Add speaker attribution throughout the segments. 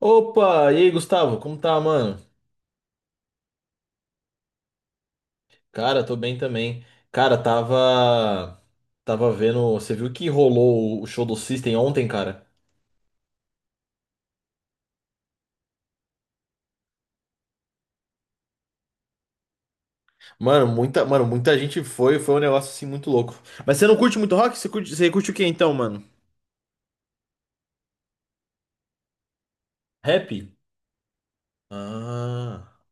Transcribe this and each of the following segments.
Speaker 1: Opa, e aí, Gustavo, como tá, mano? Cara, tô bem também. Cara, tava vendo, você viu que rolou o show do System ontem, cara? Mano, muita gente foi, foi um negócio assim muito louco. Mas você não curte muito rock? Você curte o que então, mano? Rap? Ah.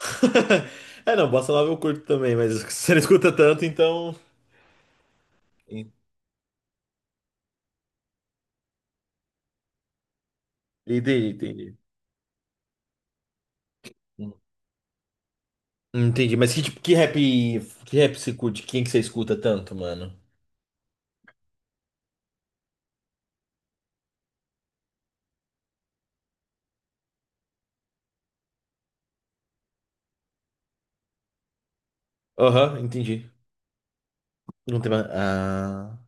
Speaker 1: É, não, bossa nova eu curto também, mas você não escuta tanto, então. Entendi, entendi. Entendi, mas que tipo, que rap você curte? Quem que você escuta tanto, mano? Aham, entendi. Não tem mais. Ah,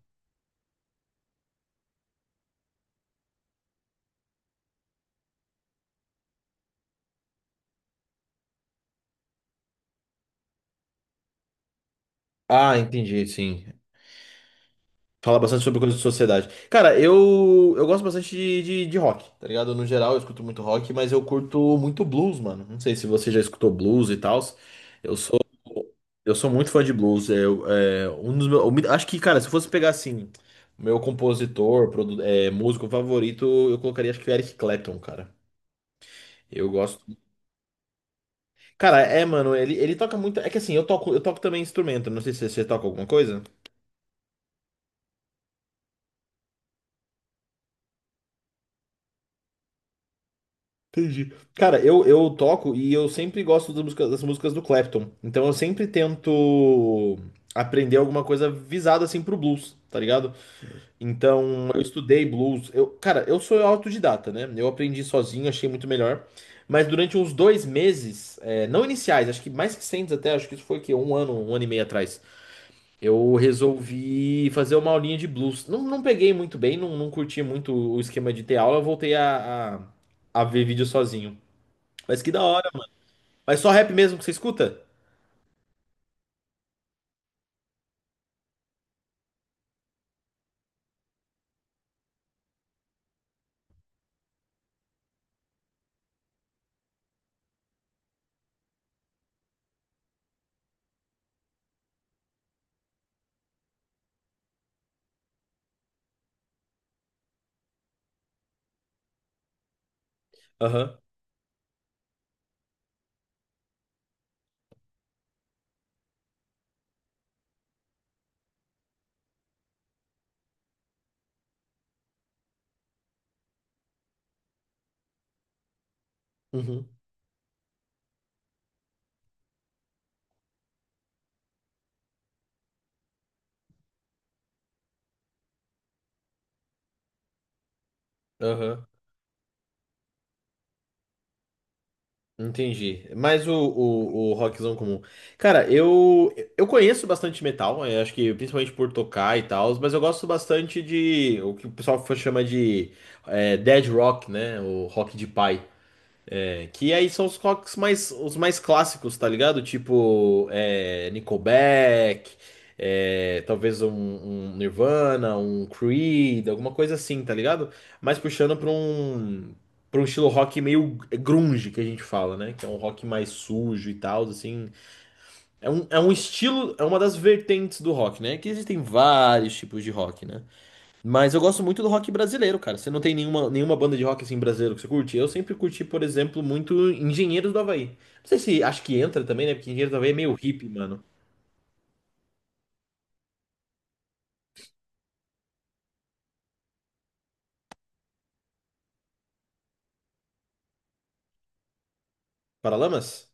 Speaker 1: ah, entendi, sim. Fala bastante sobre coisas de sociedade. Cara, eu gosto bastante de rock, tá ligado? No geral, eu escuto muito rock, mas eu curto muito blues, mano. Não sei se você já escutou blues e tal. Eu sou, eu sou muito fã de blues. Um dos meus, eu acho que, cara, se fosse pegar assim, meu compositor, músico favorito, eu colocaria acho que o Eric Clapton, cara. Eu gosto. Cara, é, mano, ele toca muito. É que assim, eu toco também instrumento. Não sei se você toca alguma coisa. Entendi. Cara, eu toco e eu sempre gosto das músicas do Clapton. Então eu sempre tento aprender alguma coisa visada assim pro blues, tá ligado? Então eu estudei blues. Eu, cara, eu sou autodidata, né? Eu aprendi sozinho, achei muito melhor. Mas durante uns dois meses, é, não iniciais, acho que mais recentes até, acho que isso foi o quê? Um ano e meio atrás. Eu resolvi fazer uma aulinha de blues. Não, não peguei muito bem, não, não curti muito o esquema de ter aula, eu voltei a, a ver vídeo sozinho. Mas que da hora. Mas só rap mesmo que você escuta? Aham. Uhum. Aham. Entendi. Mas o, o rockzão comum. Cara, eu conheço bastante metal, eu acho que principalmente por tocar e tal, mas eu gosto bastante de o que o pessoal chama de dead rock, né? O rock de pai. É, que aí são os rocks mais, os mais clássicos, tá ligado? Tipo, é, Nickelback, é, talvez um, um Nirvana, um Creed, alguma coisa assim, tá ligado? Mas puxando pra um estilo rock meio grunge, que a gente fala, né? Que é um rock mais sujo e tal, assim. É um estilo, é uma das vertentes do rock, né? Que existem vários tipos de rock, né? Mas eu gosto muito do rock brasileiro, cara. Você não tem nenhuma, nenhuma banda de rock assim brasileiro que você curte? Eu sempre curti, por exemplo, muito Engenheiros do Havaí. Não sei se acho que entra também, né? Porque Engenheiros do Havaí é meio hippie, mano. Paralamas?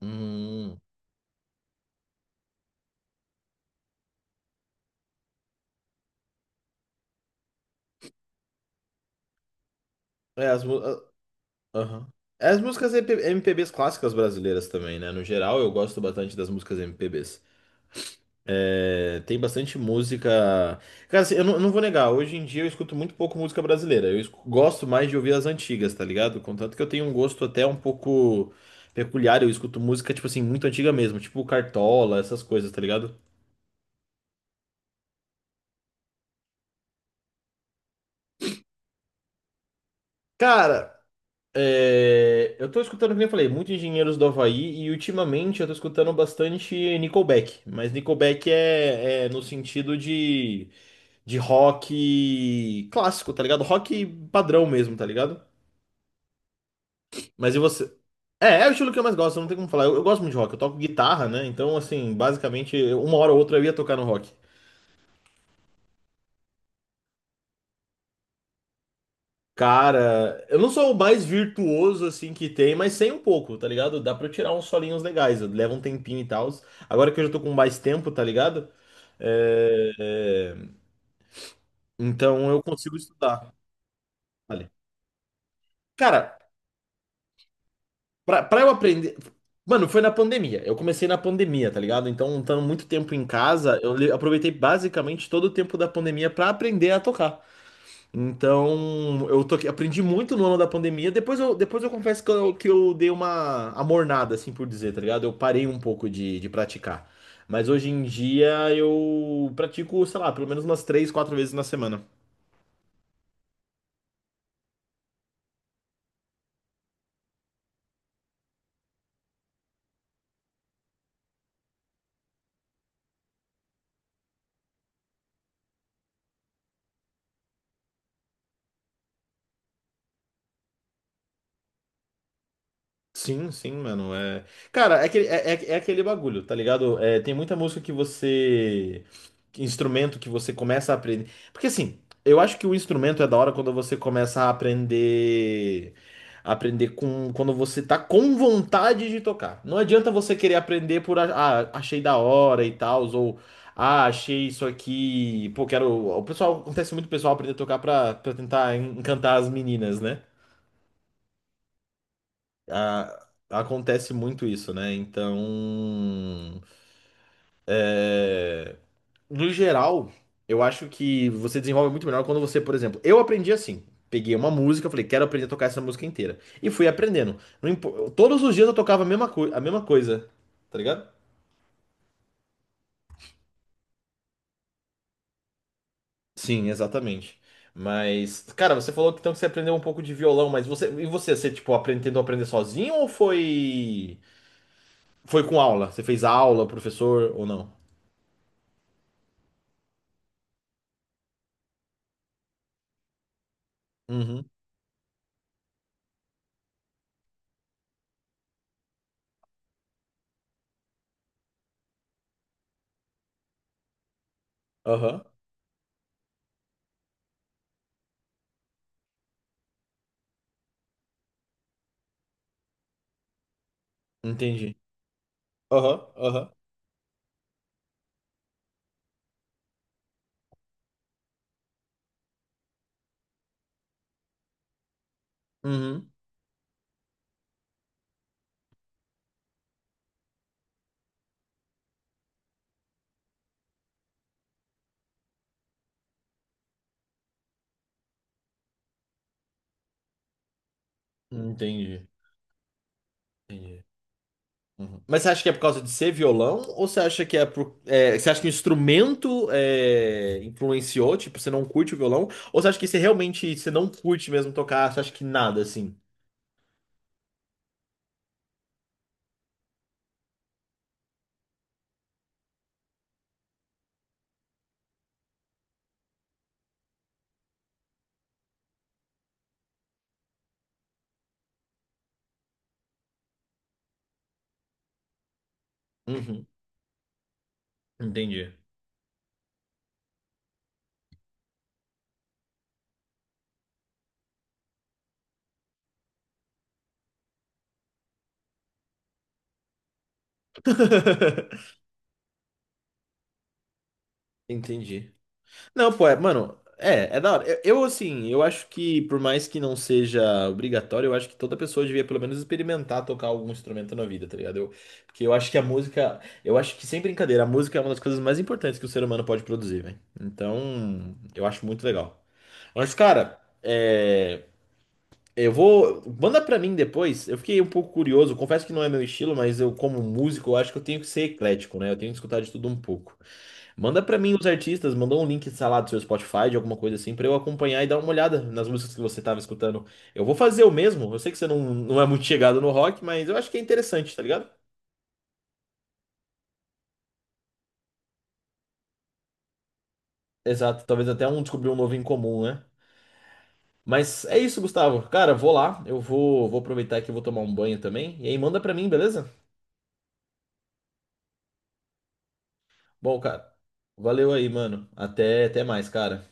Speaker 1: Hum. É, as, mu- ah, aham. É, as músicas MP MPBs clássicas brasileiras também, né? No geral, eu gosto bastante das músicas MPBs. É, tem bastante música. Cara, assim, eu não vou negar, hoje em dia eu escuto muito pouco música brasileira. Eu escu- gosto mais de ouvir as antigas, tá ligado? Contanto que eu tenho um gosto até um pouco peculiar. Eu escuto música, tipo assim, muito antiga mesmo, tipo Cartola, essas coisas, tá ligado? Cara, é, eu tô escutando, como eu falei, muito Engenheiros do Havaí e ultimamente eu tô escutando bastante Nickelback. Mas Nickelback é no sentido de rock clássico, tá ligado? Rock padrão mesmo, tá ligado? Mas e você? É, é o estilo que eu mais gosto, não tem como falar. Eu gosto muito de rock, eu toco guitarra, né? Então, assim, basicamente, uma hora ou outra eu ia tocar no rock. Cara, eu não sou o mais virtuoso, assim, que tem, mas sei um pouco, tá ligado? Dá pra eu tirar uns solinhos legais, leva um tempinho e tal. Agora que eu já tô com mais tempo, tá ligado? É, é, então eu consigo estudar. Vale. Cara, pra eu aprender. Mano, foi na pandemia. Eu comecei na pandemia, tá ligado? Então, estando muito tempo em casa, aproveitei basicamente todo o tempo da pandemia pra aprender a tocar. Então, eu toquei, aprendi muito no ano da pandemia. Depois eu confesso que que eu dei uma amornada, assim por dizer, tá ligado? Eu parei um pouco de, praticar. Mas hoje em dia eu pratico, sei lá, pelo menos umas três, quatro vezes na semana. Sim, sim, mano. É... Cara, é aquele, é aquele bagulho, tá ligado? É, tem muita música que você. Que instrumento que você começa a aprender. Porque assim, eu acho que o instrumento é da hora quando você começa a aprender. Aprender com. Quando você tá com vontade de tocar. Não adianta você querer aprender por. A- Ah, achei da hora e tal, ou. Ah, achei isso aqui. Pô, quero. O pessoal. Acontece muito o pessoal aprender a tocar pra tentar encantar as meninas, né? a- acontece muito isso, né? Então, é, no geral, eu acho que você desenvolve muito melhor quando você, por exemplo, eu aprendi assim. Peguei uma música, falei, quero aprender a tocar essa música inteira. E fui aprendendo. Não impo- Todos os dias eu tocava a mesma, a mesma coisa, tá ligado? Sim, exatamente. Mas, cara, você falou que então que você aprendeu um pouco de violão, mas você e você, você tipo aprende, tentou aprender sozinho ou foi foi com aula? Você fez aula, professor ou não? Uhum. Aham. Entendi. Aham, aham. Uhum. Entendi. Entendi. Uhum. Mas você acha que é por causa de ser violão? Ou você acha que é por. É, você acha que o instrumento é, influenciou? Tipo, você não curte o violão? Ou você acha que você realmente você não curte mesmo tocar? Você acha que nada assim? Uhum. Entendi. Entendi. Não, pô, é, mano, é, é da hora. Assim, eu acho que, por mais que não seja obrigatório, eu acho que toda pessoa devia pelo menos experimentar tocar algum instrumento na vida, tá ligado? Eu, porque eu acho que a música, eu acho que, sem brincadeira, a música é uma das coisas mais importantes que o ser humano pode produzir, velho. Então, eu acho muito legal. Mas, cara, é, eu vou. Manda pra mim depois. Eu fiquei um pouco curioso, confesso que não é meu estilo, mas eu, como músico, eu acho que eu tenho que ser eclético, né? Eu tenho que escutar de tudo um pouco. Manda pra mim os artistas, manda um link, sei lá, do seu Spotify, de alguma coisa assim, pra eu acompanhar e dar uma olhada nas músicas que você tava escutando. Eu vou fazer o mesmo. Eu sei que você não, não é muito chegado no rock, mas eu acho que é interessante, tá ligado? Exato, talvez até um descobrir um novo em comum, né? Mas é isso, Gustavo. Cara, vou lá, vou aproveitar que eu vou tomar um banho também. E aí manda pra mim, beleza? Bom, cara, valeu aí, mano. Até, até mais, cara.